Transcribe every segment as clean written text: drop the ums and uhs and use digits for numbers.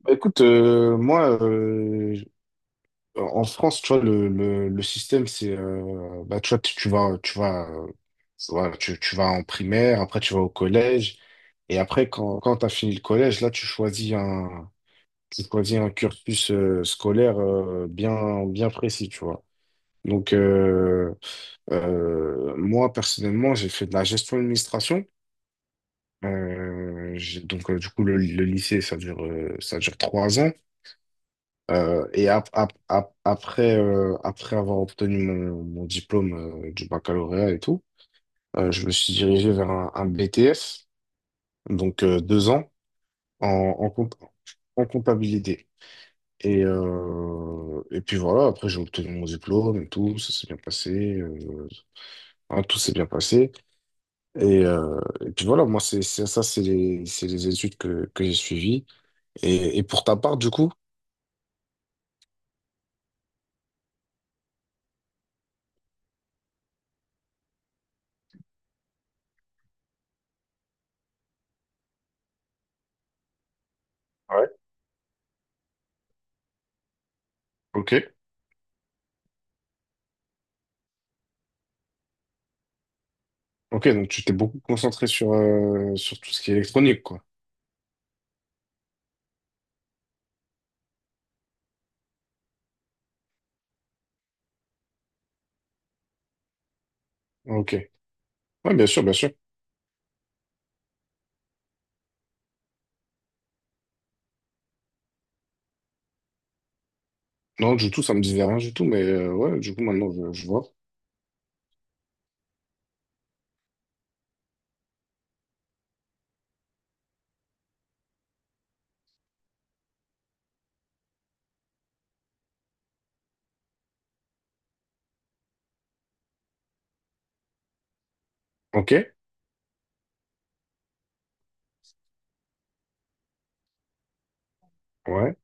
Bah, écoute, moi, en France, tu vois, le système, c'est, bah, tu vois, tu vas, tu vas en primaire, après tu vas au collège, et après, quand tu as fini le collège, là, tu choisis un cursus scolaire bien précis, tu vois. Donc, moi, personnellement, j'ai fait de la gestion administration. Donc, du coup, le lycée, ça dure 3 ans. Et après, après avoir obtenu mon diplôme du baccalauréat et tout, je me suis dirigé vers un BTS, donc 2 ans, en, en, comp- en comptabilité. Et puis voilà, après j'ai obtenu mon diplôme et tout, ça s'est bien passé, hein, tout s'est bien passé. Et, euh, et puis voilà, moi, c'est les études que j'ai suivies. Et pour ta part, du coup? Ouais. Ok. Ok, donc tu t'es beaucoup concentré sur, sur tout ce qui est électronique, quoi. Ok. Ouais, bien sûr, bien sûr. Non, du tout, ça me disait rien du tout, mais ouais, du coup, maintenant, je vois. Ok, ouais.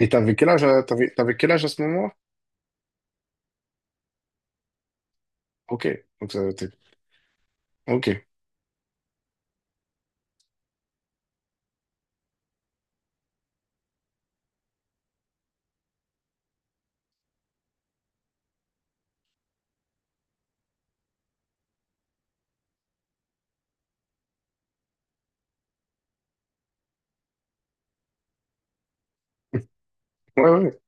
Et t'avais quel âge, t'avais quel âge à ce moment-là? Ok. Donc, ça, t'es- ok. Ouais, ouais.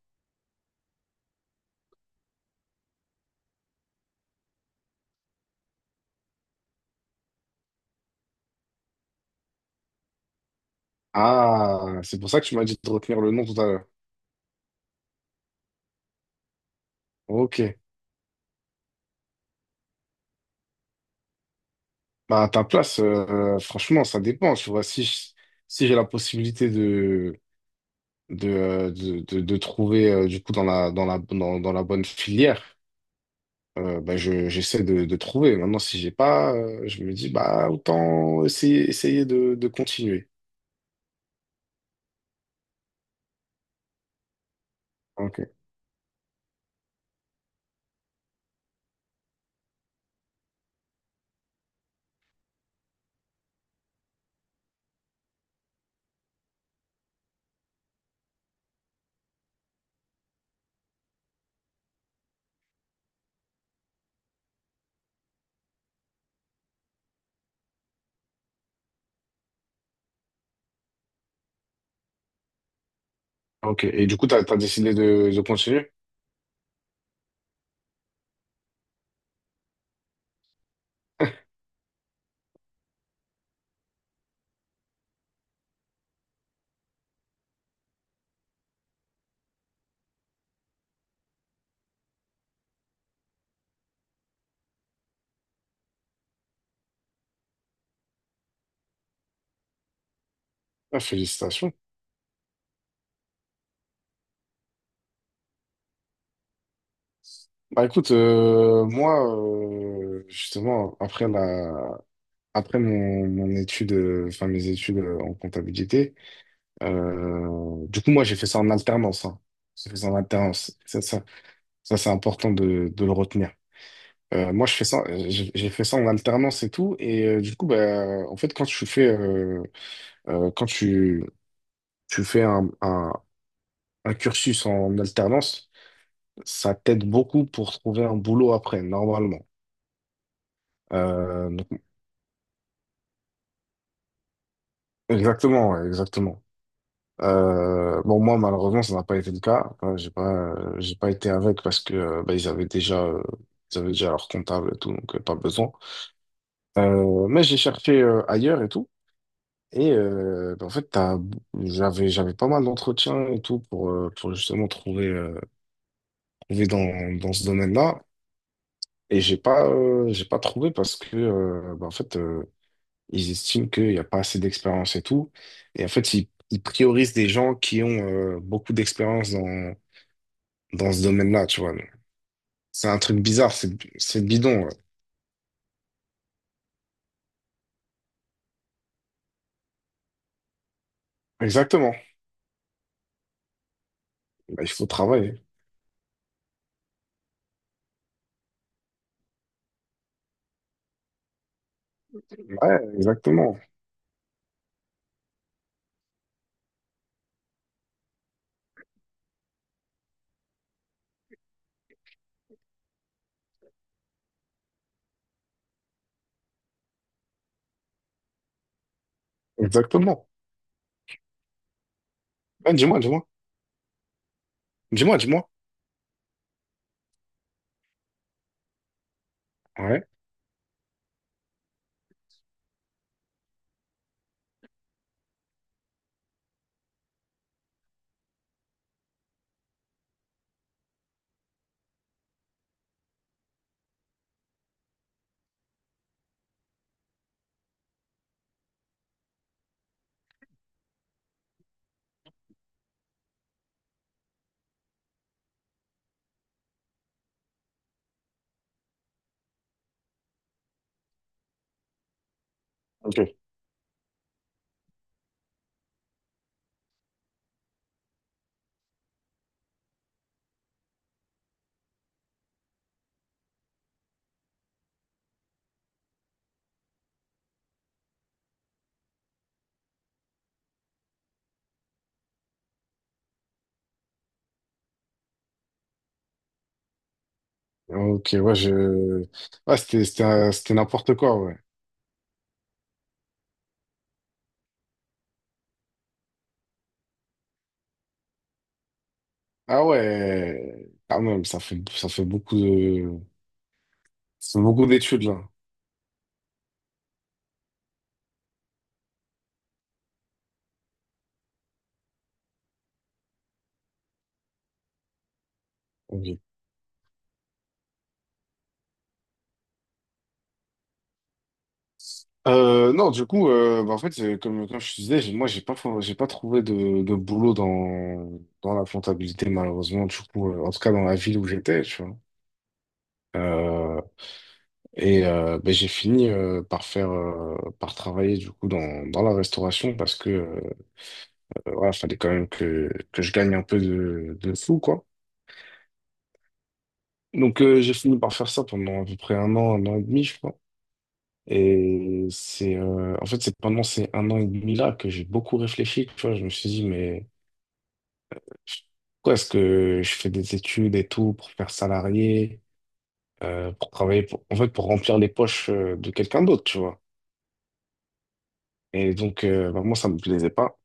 Ah, c'est pour ça que tu m'as dit de retenir le nom tout à l'heure. Ok. Bah, à ta place, franchement, ça dépend, tu vois. Si j'ai la possibilité de trouver, du coup, dans la bonne filière, bah, j'essaie de trouver. Maintenant, si j'ai pas, je me dis, bah, autant essayer, essayer de continuer. Ok. Ok. Et du coup, t'as décidé de continuer? Ah, félicitations. Bah, écoute, moi, justement, après mon étude, enfin, mes études en comptabilité, du coup, moi, j'ai fait ça en alternance, hein. J'ai fait ça en alternance. Ça, c'est important de le retenir. Moi, je fais ça, j'ai fait ça en alternance et tout. Et du coup, bah, en fait, quand tu fais, quand tu fais un cursus en alternance, ça t'aide beaucoup pour trouver un boulot après, normalement. Euh, donc- exactement, ouais, exactement. Bon, moi, malheureusement, ça n'a pas été le cas. J'ai pas été avec parce que bah, ils avaient déjà leur comptable et tout, donc pas besoin. Mais j'ai cherché ailleurs et tout. Et bah, en fait, j'avais pas mal d'entretiens et tout pour justement trouver, trouver dans ce domaine-là. Et j'ai pas trouvé parce que, bah, en fait, ils estiment qu'il n'y a pas assez d'expérience et tout. Et en fait, ils priorisent des gens qui ont beaucoup d'expérience dans ce domaine-là, tu vois. C'est un truc bizarre, c'est bidon. Ouais. Exactement. Bah, il faut travailler. Ouais, exactement. Exactement. Ouais, dis-moi, dis-moi. Dis-moi, dis-moi. Ouais. Ok. Ok, ouais, ouais, c'était n'importe quoi, ouais. Ah ouais, quand même, ça fait beaucoup d'études, là. Ok. Non, du coup, bah, en fait, comme je te disais, j'ai- moi, j'ai pas, fo- j'ai pas trouvé de boulot dans la comptabilité, malheureusement, du coup, en tout cas dans la ville où j'étais, tu vois. Euh, et ben, j'ai fini par faire, par travailler, du coup, dans la restauration parce que, voilà, fallait quand même que je gagne un peu de sous, quoi. Donc, j'ai fini par faire ça pendant à peu près 1 an, 1 an et demi, je crois. Et c'est, en fait, c'est pendant ces 1 an et demi-là que j'ai beaucoup réfléchi. Tu vois, je me suis dit, mais pourquoi est-ce que je fais des études et tout pour faire salarié, pour travailler, en fait, pour remplir les poches de quelqu'un d'autre, tu vois. Et donc, bah, moi, ça me plaisait pas.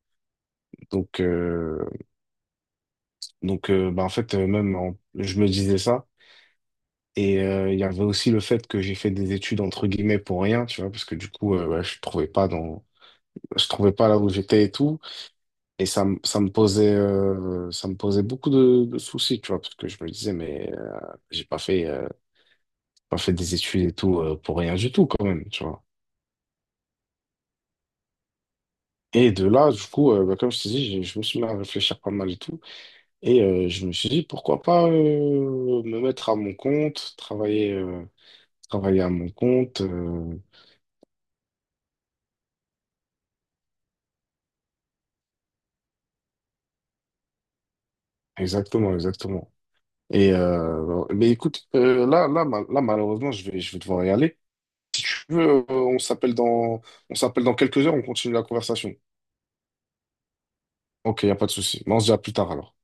Donc, bah, en fait, je me disais ça. Et il y avait aussi le fait que j'ai fait des études, entre guillemets, pour rien, tu vois, parce que du coup, ouais, je trouvais pas là où j'étais et tout, et ça me posait beaucoup de soucis, tu vois, parce que je me disais, mais j'ai pas fait pas fait des études et tout pour rien du tout quand même, tu vois, et de là, du coup, bah, comme je te dis, je me suis mis à réfléchir pas mal et tout, et je me suis dit pourquoi pas me mettre à mon compte, travailler travailler à mon compte, exactement, exactement. Et mais écoute, là, malheureusement, je vais devoir y aller. Si tu veux, on s'appelle dans quelques heures, on continue la conversation. Ok, il n'y a pas de souci. Mais on se dit à plus tard alors.